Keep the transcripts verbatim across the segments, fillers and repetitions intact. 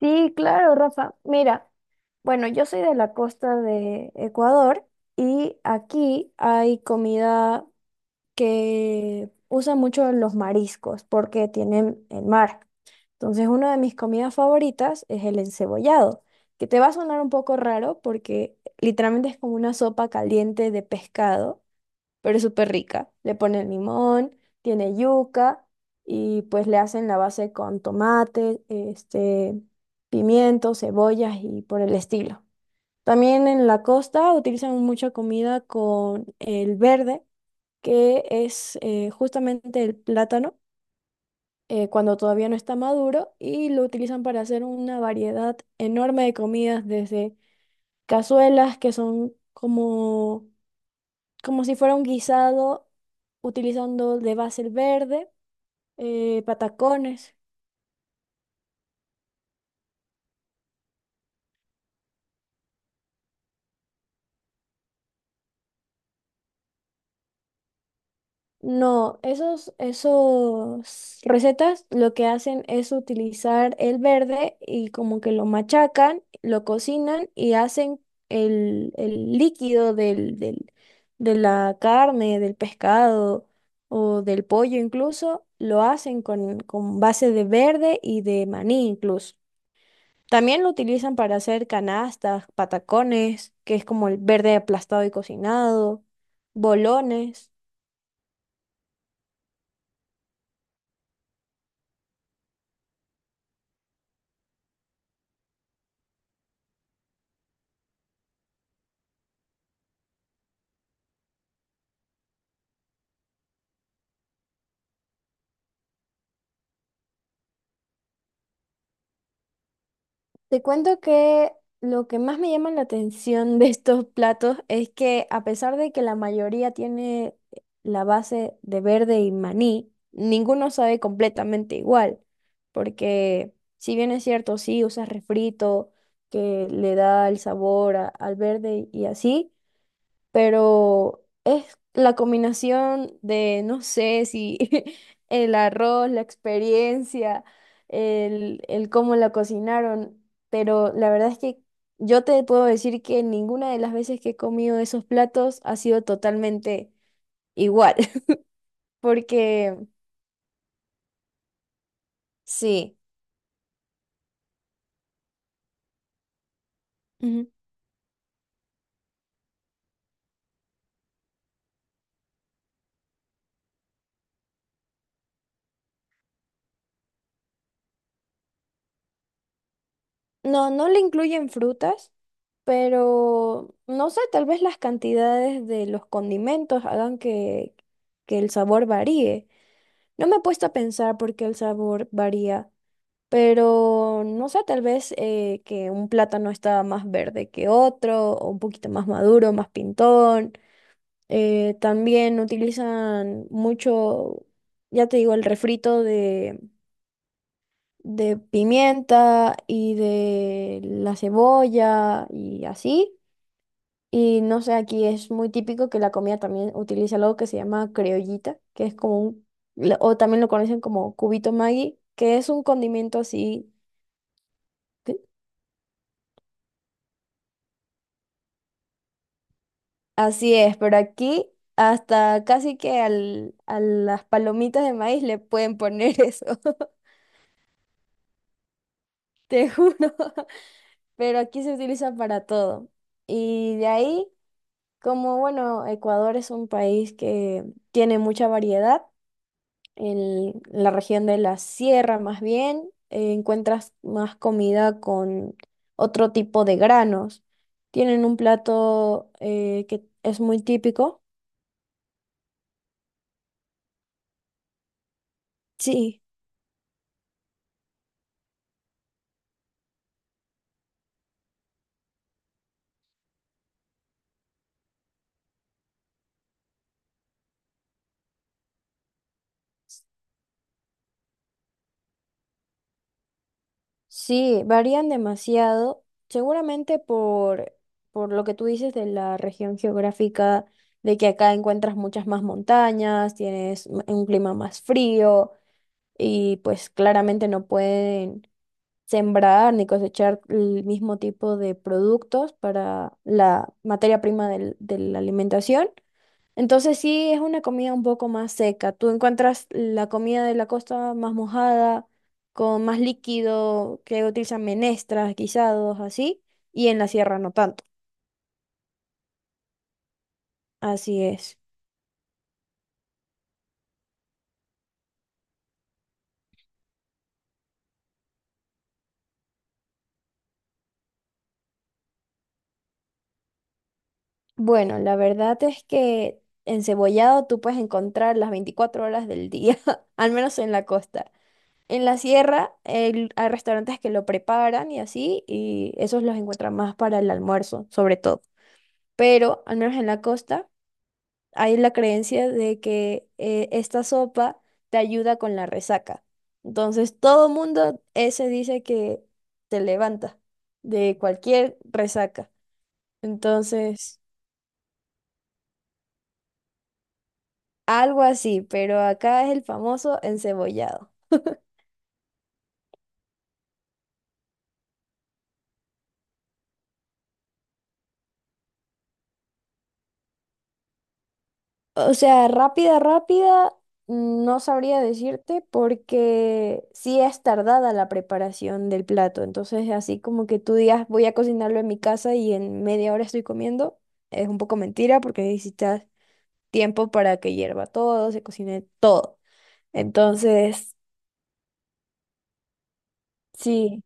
Sí, claro, Rafa. Mira, bueno, yo soy de la costa de Ecuador y aquí hay comida que usa mucho los mariscos porque tienen el mar. Entonces, una de mis comidas favoritas es el encebollado, que te va a sonar un poco raro porque literalmente es como una sopa caliente de pescado pero es súper rica. Le ponen limón, tiene yuca y pues le hacen la base con tomate, este, pimientos, cebollas y por el estilo. También en la costa utilizan mucha comida con el verde, que es eh, justamente el plátano. Eh, cuando todavía no está maduro y lo utilizan para hacer una variedad enorme de comidas, desde cazuelas que son como como si fuera un guisado utilizando de base el verde, eh, patacones. No, esos, esos recetas lo que hacen es utilizar el verde y como que lo machacan, lo cocinan y hacen el, el líquido del, del- de la carne, del pescado o del pollo incluso, lo hacen con, con base de verde y de maní incluso. También lo utilizan para hacer canastas, patacones, que es como el verde aplastado y cocinado, bolones. Te cuento que lo que más me llama la atención de estos platos es que a pesar de que la mayoría tiene la base de verde y maní, ninguno sabe completamente igual, porque si bien es cierto, sí usas refrito que le da el sabor a- al verde y así. Pero es la combinación de, no sé si el arroz, la experiencia, el, el cómo la cocinaron, pero la verdad es que yo te puedo decir que ninguna de las veces que he comido esos platos ha sido totalmente igual, porque sí, ujú. No, no le incluyen frutas. Pero no sé, tal vez las cantidades de los condimentos hagan que, que, el sabor varíe. No me he puesto a pensar por qué el sabor varía, pero no sé, tal vez eh, que un plátano está más verde que otro, o un poquito más maduro, más pintón. Eh, también utilizan mucho, ya te digo, el refrito de, de pimienta y de la cebolla y así. Y no sé, aquí es muy típico que la comida también utiliza algo que se llama criollita, que es como un, la- o también lo conocen como cubito Maggi, que es un condimento así, que- así es, pero aquí hasta casi que al, a las palomitas de maíz le pueden poner eso, te juro, pero aquí se utiliza para todo. Y de ahí, como bueno, Ecuador es un país que tiene mucha variedad. En la región de la sierra, más bien, eh, encuentras más comida con otro tipo de granos. Tienen un plato eh, que es muy típico. Sí, sí, varían demasiado, seguramente por, por lo que tú dices de la región geográfica, de que acá encuentras muchas más montañas, tienes m- un clima más frío y pues claramente no pueden sembrar ni cosechar el mismo tipo de productos para la materia prima del- de la alimentación. Entonces sí es una comida un poco más seca. Tú encuentras la comida de la costa más mojada, con más líquido, que utilizan menestras, guisados, así, y en la sierra no tanto. Así es. Bueno, la verdad es que encebollado tú puedes encontrar las veinticuatro horas del día, al menos en la costa. En la sierra el- hay restaurantes que lo preparan y así, y esos los encuentran más para el almuerzo, sobre todo. Pero al menos en la costa hay la creencia de que eh, esta sopa te ayuda con la resaca. Entonces todo mundo ese dice que te levanta de cualquier resaca. Entonces, algo así, pero acá es el famoso encebollado. O sea, rápida, rápida, no sabría decirte porque sí es tardada la preparación del plato. Entonces, así como que tú digas, voy a cocinarlo en mi casa y en media hora estoy comiendo, es un poco mentira porque necesitas tiempo para que hierva todo, se cocine todo. Entonces, sí.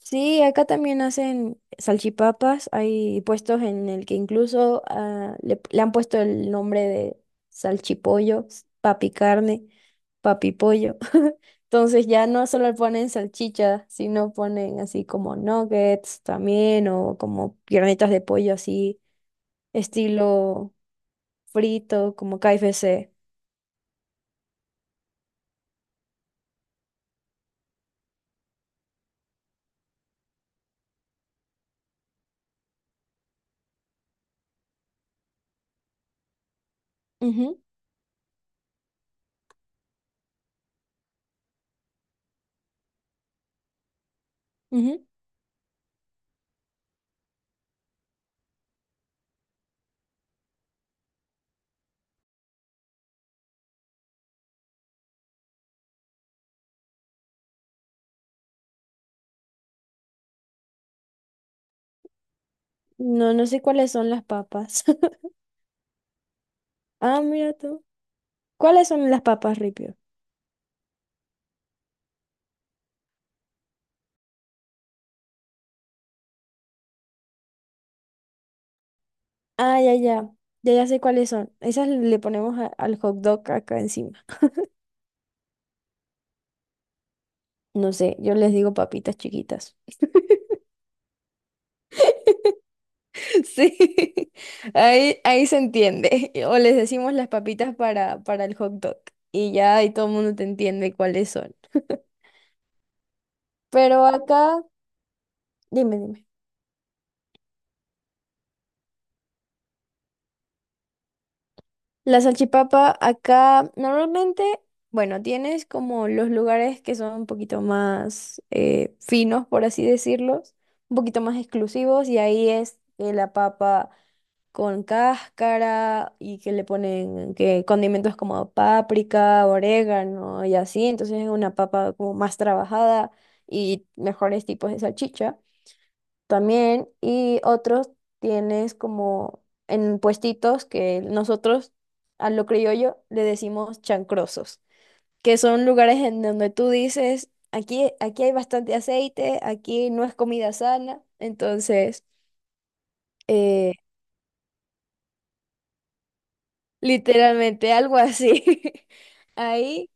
Sí, acá también hacen salchipapas. Hay puestos en el que incluso ah, le, le han puesto el nombre de salchipollo, papi carne, papi pollo. Entonces ya no solo ponen salchicha, sino ponen así como nuggets también o como piernitas de pollo así, estilo frito, como K F C. Ujú, ujú. No, no sé cuáles son las papas. Ah, mira tú. ¿Cuáles son las papas, Ripio? Ah, ya, ya. Ya, ya sé cuáles son. Esas le ponemos a- al hot dog acá encima. No sé, yo les digo papitas chiquitas. Sí, ahí, ahí se entiende. O les decimos las papitas para, para el hot dog. Y ya ahí todo el mundo te entiende cuáles son. Pero acá, dime, dime. La salchipapa acá normalmente, bueno, tienes como los lugares que son un poquito más eh, finos, por así decirlos, un poquito más exclusivos, y ahí es eh, la papa. Con cáscara y que le ponen que condimentos como páprica, orégano y así. Entonces es una papa como más trabajada y mejores tipos de salchicha también. Y otros tienes como en puestitos que nosotros a lo criollo le decimos chancrosos, que son lugares en donde tú dices, aquí, aquí hay bastante aceite, aquí no es comida sana. Entonces... eh, literalmente, algo así. Ahí,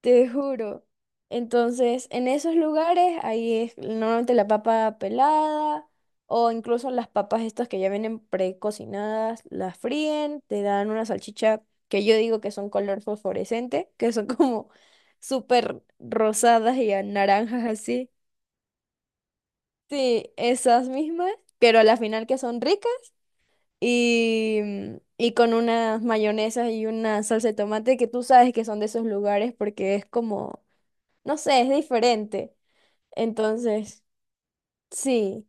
te juro. Entonces, en esos lugares, ahí es normalmente la papa pelada o incluso las papas estas que ya vienen precocinadas, las fríen, te dan una salchicha que yo digo que son color fosforescente, que son como súper rosadas y a naranjas así. Sí, esas mismas, pero a la final que son ricas. Y, y con unas mayonesas y una salsa de tomate que tú sabes que son de esos lugares porque es como, no sé, es diferente. Entonces, sí,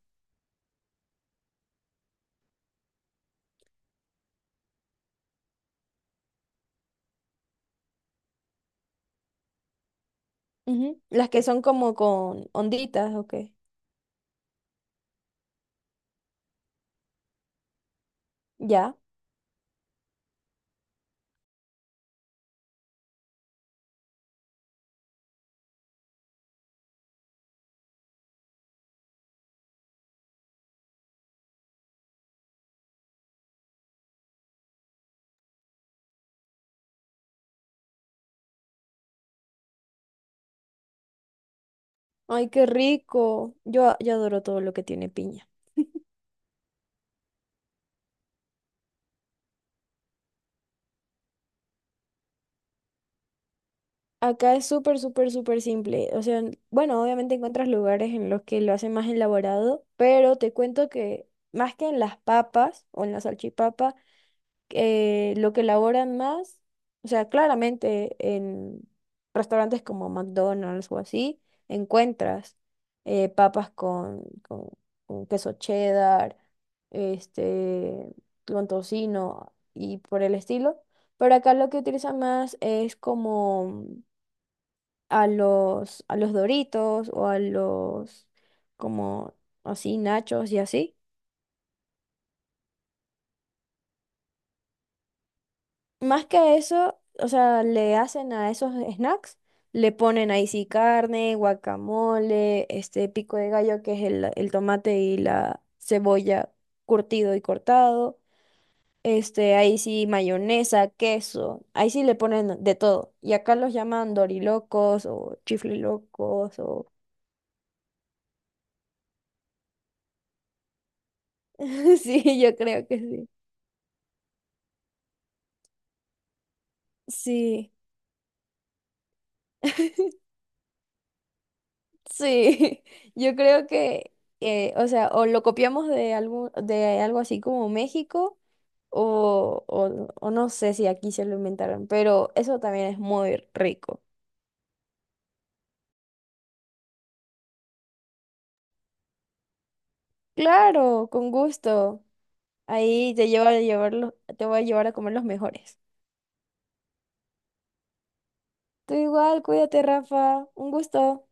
ujú, las que son como con onditas, ok. Ya. Ay, qué rico. Yo, yo adoro todo lo que tiene piña. Acá es súper, súper, súper simple. O sea, bueno, obviamente encuentras lugares en los que lo hacen más elaborado, pero te cuento que más que en las papas o en la salchipapa, eh, lo que elaboran más, o sea, claramente en restaurantes como McDonald's o así, encuentras eh, papas con, con- con queso cheddar, este, con tocino y por el estilo. Pero acá lo que utilizan más es como a los, a los Doritos o a los como así nachos y así. Más que eso, o sea, le hacen a esos snacks, le ponen ahí sí carne, guacamole, este pico de gallo, que es el, el tomate y la cebolla curtido y cortado. Este, ahí sí mayonesa, queso, ahí sí le ponen de todo. Y acá los llaman dorilocos o chiflilocos o... Sí, yo creo que sí. Sí. Sí, yo creo que, eh, o sea, o lo copiamos de algo, de algo, así como México, o, o, o no sé si aquí se lo inventaron, pero eso también es muy rico. Claro, con gusto. Ahí te llevo a llevar los- Te voy a llevar a comer los mejores. Tú igual, cuídate, Rafa. Un gusto.